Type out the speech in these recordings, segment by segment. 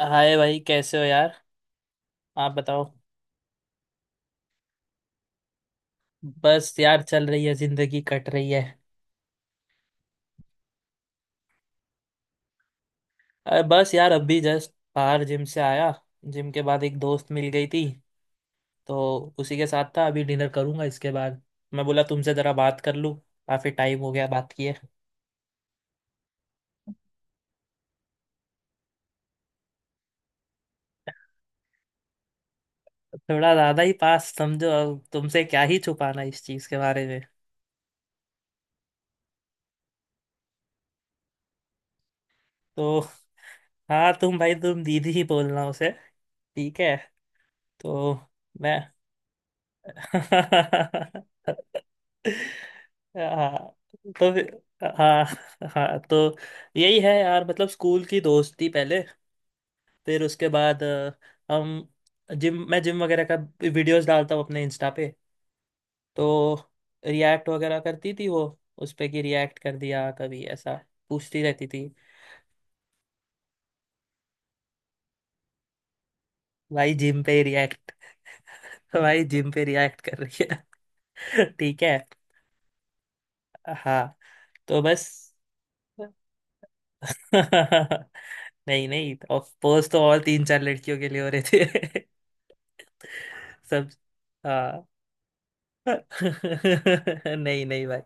हाय भाई, कैसे हो यार? आप बताओ। बस यार, चल रही है, जिंदगी कट रही है। अरे बस यार, अभी जस्ट बाहर जिम से आया। जिम के बाद एक दोस्त मिल गई थी, तो उसी के साथ था। अभी डिनर करूंगा इसके बाद। मैं बोला तुमसे ज़रा बात कर लूँ, काफ़ी टाइम हो गया बात किए। थोड़ा ज़्यादा ही पास समझो। अब तुमसे क्या ही छुपाना इस चीज़ के बारे में। तो हाँ, तुम भाई तुम दीदी ही बोलना उसे, ठीक है? तो मैं हाँ। तो फिर- हाँ। हाँ तो यही है यार, मतलब स्कूल की दोस्ती पहले, फिर उसके बाद हम जिम, मैं जिम वगैरह का वीडियोस डालता हूँ अपने इंस्टा पे। तो रिएक्ट वगैरह करती थी वो, उस पे कि रिएक्ट कर दिया कभी ऐसा, पूछती रहती थी। भाई जिम पे रिएक्ट, भाई जिम पे रिएक्ट कर रही है ठीक है। हाँ तो बस। नहीं नहीं, पोज तो और तीन चार लड़कियों के लिए हो रहे थे सब। हाँ। नहीं नहीं भाई,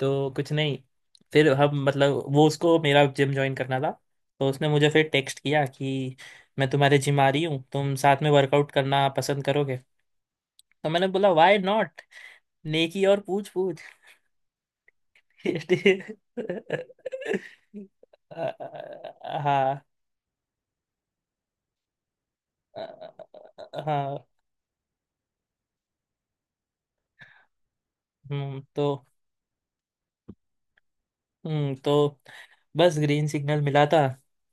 तो कुछ नहीं। फिर हम मतलब वो उसको मेरा जिम ज्वाइन करना था, तो उसने मुझे फिर टेक्स्ट किया कि मैं तुम्हारे जिम आ रही हूँ, तुम साथ में वर्कआउट करना पसंद करोगे? तो मैंने बोला व्हाई नॉट, नेकी और पूछ पूछ। It is- आ- हाँ। हाँ। तो, तो बस ग्रीन सिग्नल मिला था,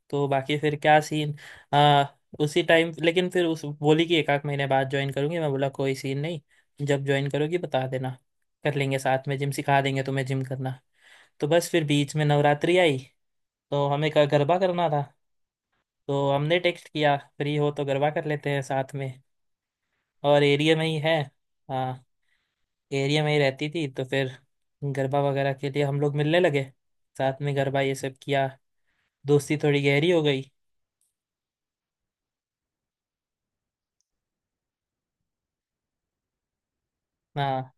तो बाकी फिर क्या सीन। आ, उसी टाइम लेकिन फिर उस बोली कि एक आध महीने बाद ज्वाइन करूंगी। मैं बोला कोई सीन नहीं, जब ज्वाइन करोगी बता देना, कर लेंगे साथ में जिम, सिखा देंगे तुम्हें जिम करना। तो बस फिर बीच में नवरात्रि आई, तो हमें का गरबा करना था, तो हमने टेक्स्ट किया फ्री हो तो गरबा कर लेते हैं साथ में। और एरिया में ही है। हाँ, एरिया में ही रहती थी, तो फिर गरबा वगैरह के लिए हम लोग मिलने लगे, साथ में गरबा ये सब किया, दोस्ती थोड़ी गहरी हो गई। हाँ।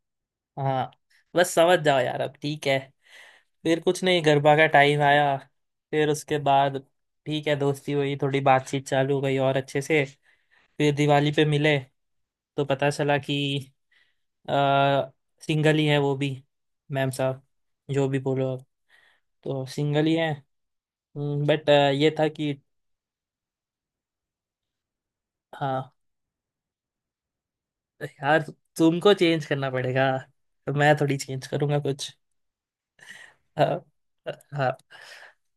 हाँ बस समझ जाओ यार अब, ठीक है। फिर कुछ नहीं, गरबा का टाइम आया, फिर उसके बाद ठीक है, दोस्ती हुई, थोड़ी बातचीत चालू हो गई और अच्छे से। फिर दिवाली पे मिले, तो पता चला कि आ, सिंगल ही है वो भी। मैम साहब, जो भी बोलो आप, तो सिंगल ही है। बट ये था कि, हाँ यार तुमको चेंज करना पड़ेगा, तो मैं थोड़ी चेंज करूँगा कुछ। हाँ। हाँ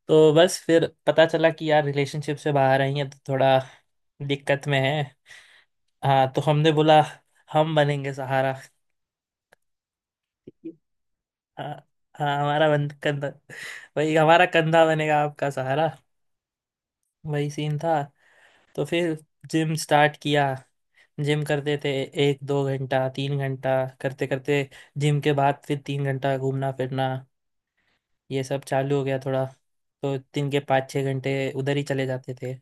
तो बस फिर पता चला कि यार रिलेशनशिप से बाहर आई है, तो थोड़ा दिक्कत में है। हाँ तो हमने बोला हम बनेंगे सहारा। हाँ। हाँ हमारा बन कंधा, भाई हमारा कंधा बनेगा आपका सहारा। वही सीन था। तो फिर जिम स्टार्ट किया, जिम करते थे एक दो घंटा, तीन घंटा, करते करते जिम के बाद फिर तीन घंटा घूमना फिरना, ये सब चालू हो गया थोड़ा। तो दिन के पाँच छः घंटे उधर ही चले जाते थे।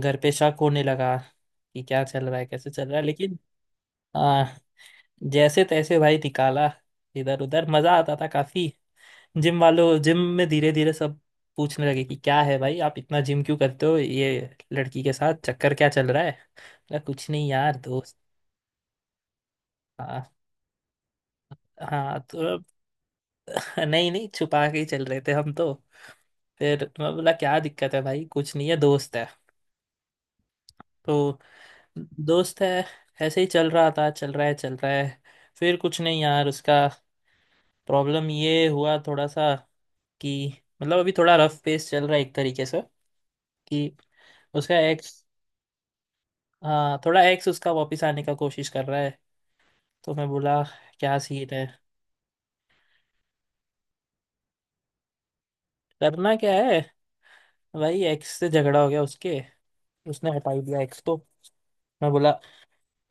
घर पे शक होने लगा कि क्या चल रहा है, कैसे चल रहा है, लेकिन आ, जैसे तैसे भाई निकाला। इधर उधर मज़ा आता था काफ़ी। जिम में धीरे धीरे सब पूछने लगे कि क्या है भाई, आप इतना जिम क्यों करते हो, ये लड़की के साथ चक्कर क्या चल रहा है। अरे कुछ नहीं यार, दोस्त। हाँ हाँ तो अब नहीं नहीं, छुपा के ही चल रहे थे हम तो। फिर मैं बोला क्या दिक्कत है भाई, कुछ नहीं है, दोस्त है। तो दोस्त है। ऐसे ही चल रहा था, चल रहा है, चल रहा है। फिर कुछ नहीं यार, उसका प्रॉब्लम ये हुआ थोड़ा सा कि मतलब अभी थोड़ा रफ पेस चल रहा है एक तरीके से कि उसका एक्स। हाँ, थोड़ा एक्स उसका वापस आने का कोशिश कर रहा है। तो मैं बोला क्या सीन है। करना क्या है, भाई एक्स से झगड़ा हो गया उसके, उसने हटा ही दिया एक्स को। मैं बोला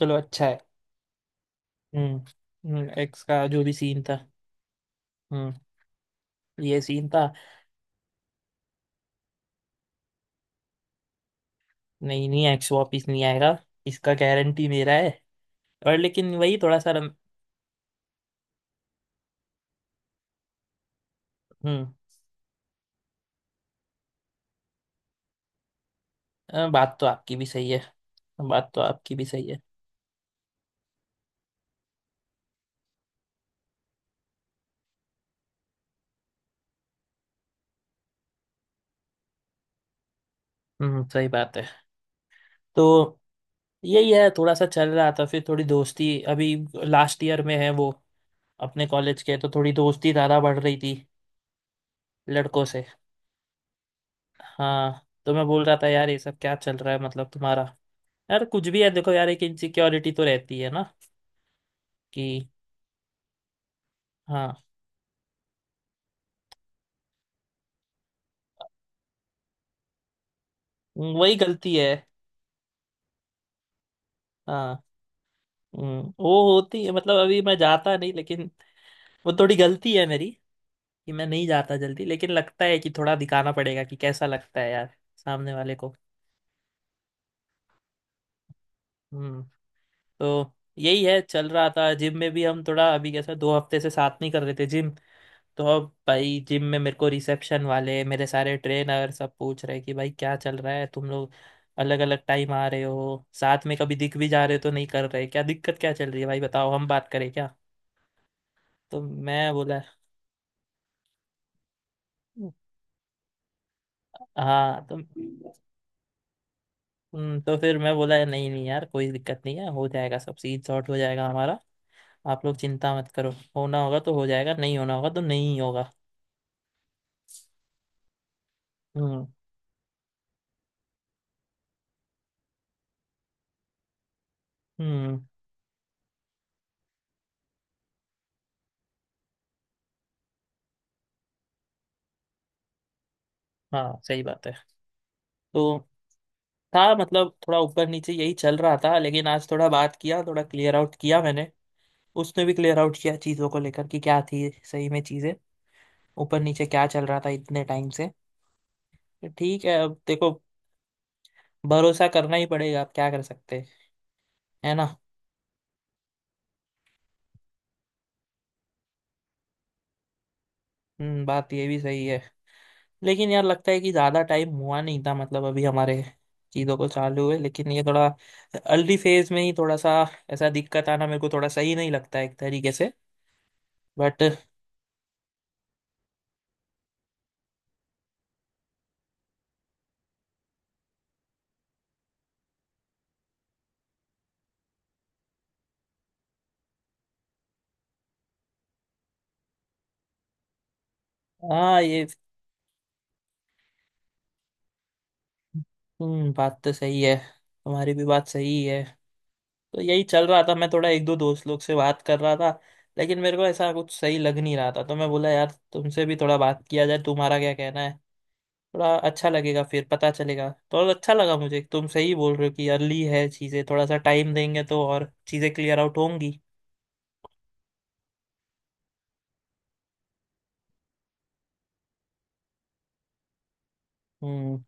चलो अच्छा है। हम्म, एक्स का जो भी सीन था। हम्म, ये सीन था। नहीं नहीं, एक्स वापिस नहीं आएगा, इसका गारंटी मेरा है। और लेकिन वही थोड़ा सा हम्म। बात तो आपकी भी सही है। बात तो आपकी भी सही है। हम्म, सही बात है। तो यही है, थोड़ा सा चल रहा था। फिर थोड़ी दोस्ती, अभी लास्ट ईयर में है वो अपने कॉलेज के, तो थोड़ी दोस्ती ज़्यादा बढ़ रही थी लड़कों से। हाँ तो मैं बोल रहा था यार ये सब क्या चल रहा है, मतलब तुम्हारा, यार कुछ भी है देखो यार, एक इनसिक्योरिटी तो रहती है ना कि, हाँ वही गलती है। हाँ, वो होती है। मतलब अभी मैं जाता नहीं, लेकिन वो थोड़ी गलती है मेरी कि मैं नहीं जाता जल्दी, लेकिन लगता है कि थोड़ा दिखाना पड़ेगा कि कैसा लगता है यार सामने वाले को। हम्म। तो यही है चल रहा था। जिम में भी हम थोड़ा अभी कैसा दो हफ्ते से साथ नहीं कर रहे थे जिम। तो अब भाई जिम में मेरे को रिसेप्शन वाले, मेरे सारे ट्रेनर सब पूछ रहे कि भाई क्या चल रहा है तुम लोग, अलग अलग टाइम आ रहे हो, साथ में कभी दिख भी जा रहे हो तो नहीं कर रहे, क्या दिक्कत, क्या चल रही है भाई, बताओ हम बात करें क्या। तो मैं बोला, हाँ तो फिर मैं बोला नहीं नहीं यार, कोई दिक्कत नहीं है, हो जाएगा सब, सीट सॉर्ट हो जाएगा हमारा, आप लोग चिंता मत करो। होना होगा तो हो जाएगा, नहीं होना होगा तो नहीं होगा। हम्म। हम्म हाँ सही बात है। तो था मतलब थोड़ा ऊपर नीचे यही चल रहा था, लेकिन आज थोड़ा बात किया, थोड़ा क्लियर आउट किया मैंने, उसने भी क्लियर आउट किया चीज़ों को लेकर कि क्या थी सही में चीज़ें, ऊपर नीचे क्या चल रहा था इतने टाइम से। तो ठीक है, अब देखो, भरोसा करना ही पड़ेगा, अब क्या कर सकते हैं, है ना। बात ये भी सही है, लेकिन यार लगता है कि ज़्यादा टाइम हुआ नहीं था, मतलब अभी हमारे चीज़ों को चालू हुए, लेकिन ये थोड़ा अर्ली फेज में ही थोड़ा सा ऐसा दिक्कत आना मेरे को थोड़ा सही नहीं लगता है एक तरीके से। बट हाँ, ये बात तो सही है, तुम्हारी भी बात सही है। तो यही चल रहा था, मैं थोड़ा एक दो दोस्त लोग से बात कर रहा था, लेकिन मेरे को ऐसा कुछ सही लग नहीं रहा था, तो मैं बोला यार तुमसे भी थोड़ा बात किया जाए, तुम्हारा क्या कहना है, थोड़ा अच्छा लगेगा, फिर पता चलेगा तो और अच्छा लगा मुझे, तुम सही बोल रहे हो कि अर्ली है चीज़ें, थोड़ा सा टाइम देंगे तो और चीज़ें क्लियर आउट होंगी। हम्म।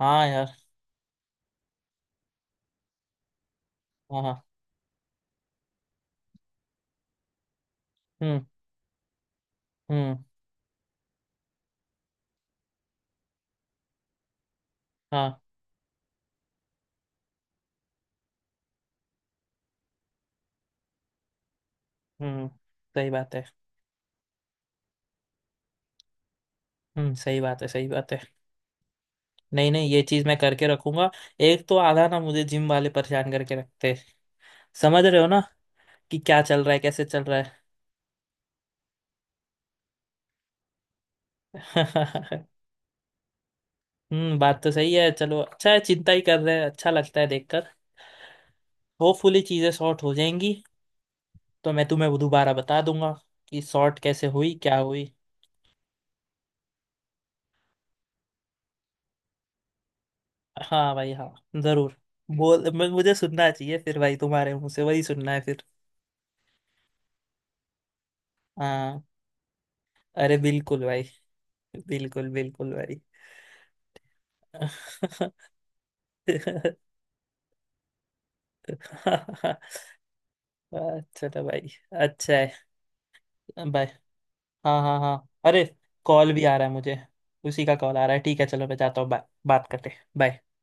हाँ यार। हाँ हाँ। हम्म। हम्म। हाँ। हम्म, सही बात है। सही बात है, सही बात है। नहीं नहीं, ये चीज मैं करके रखूंगा। एक तो आधा ना मुझे जिम वाले परेशान करके रखते हैं, समझ रहे हो ना, कि क्या चल रहा है, कैसे चल रहा है। बात तो सही है, चलो अच्छा है, चिंता ही कर रहे हैं, अच्छा लगता है देखकर। होपफुली चीजें सॉर्ट हो जाएंगी, तो मैं तुम्हें वो दोबारा बता दूंगा कि सॉर्ट कैसे हुई, क्या हुई। हाँ भाई हाँ, जरूर। मुझे सुनना चाहिए फिर भाई, तुम्हारे मुंह से वही सुनना है फिर। हाँ, अरे बिल्कुल भाई। बिल्कुल बिल्कुल भाई। अच्छा था भाई, अच्छा है। बाय। हाँ हाँ हाँ, अरे कॉल भी आ रहा है मुझे, उसी का कॉल आ रहा है, ठीक है चलो मैं जाता हूँ, बाय, बात करते हैं, बाय।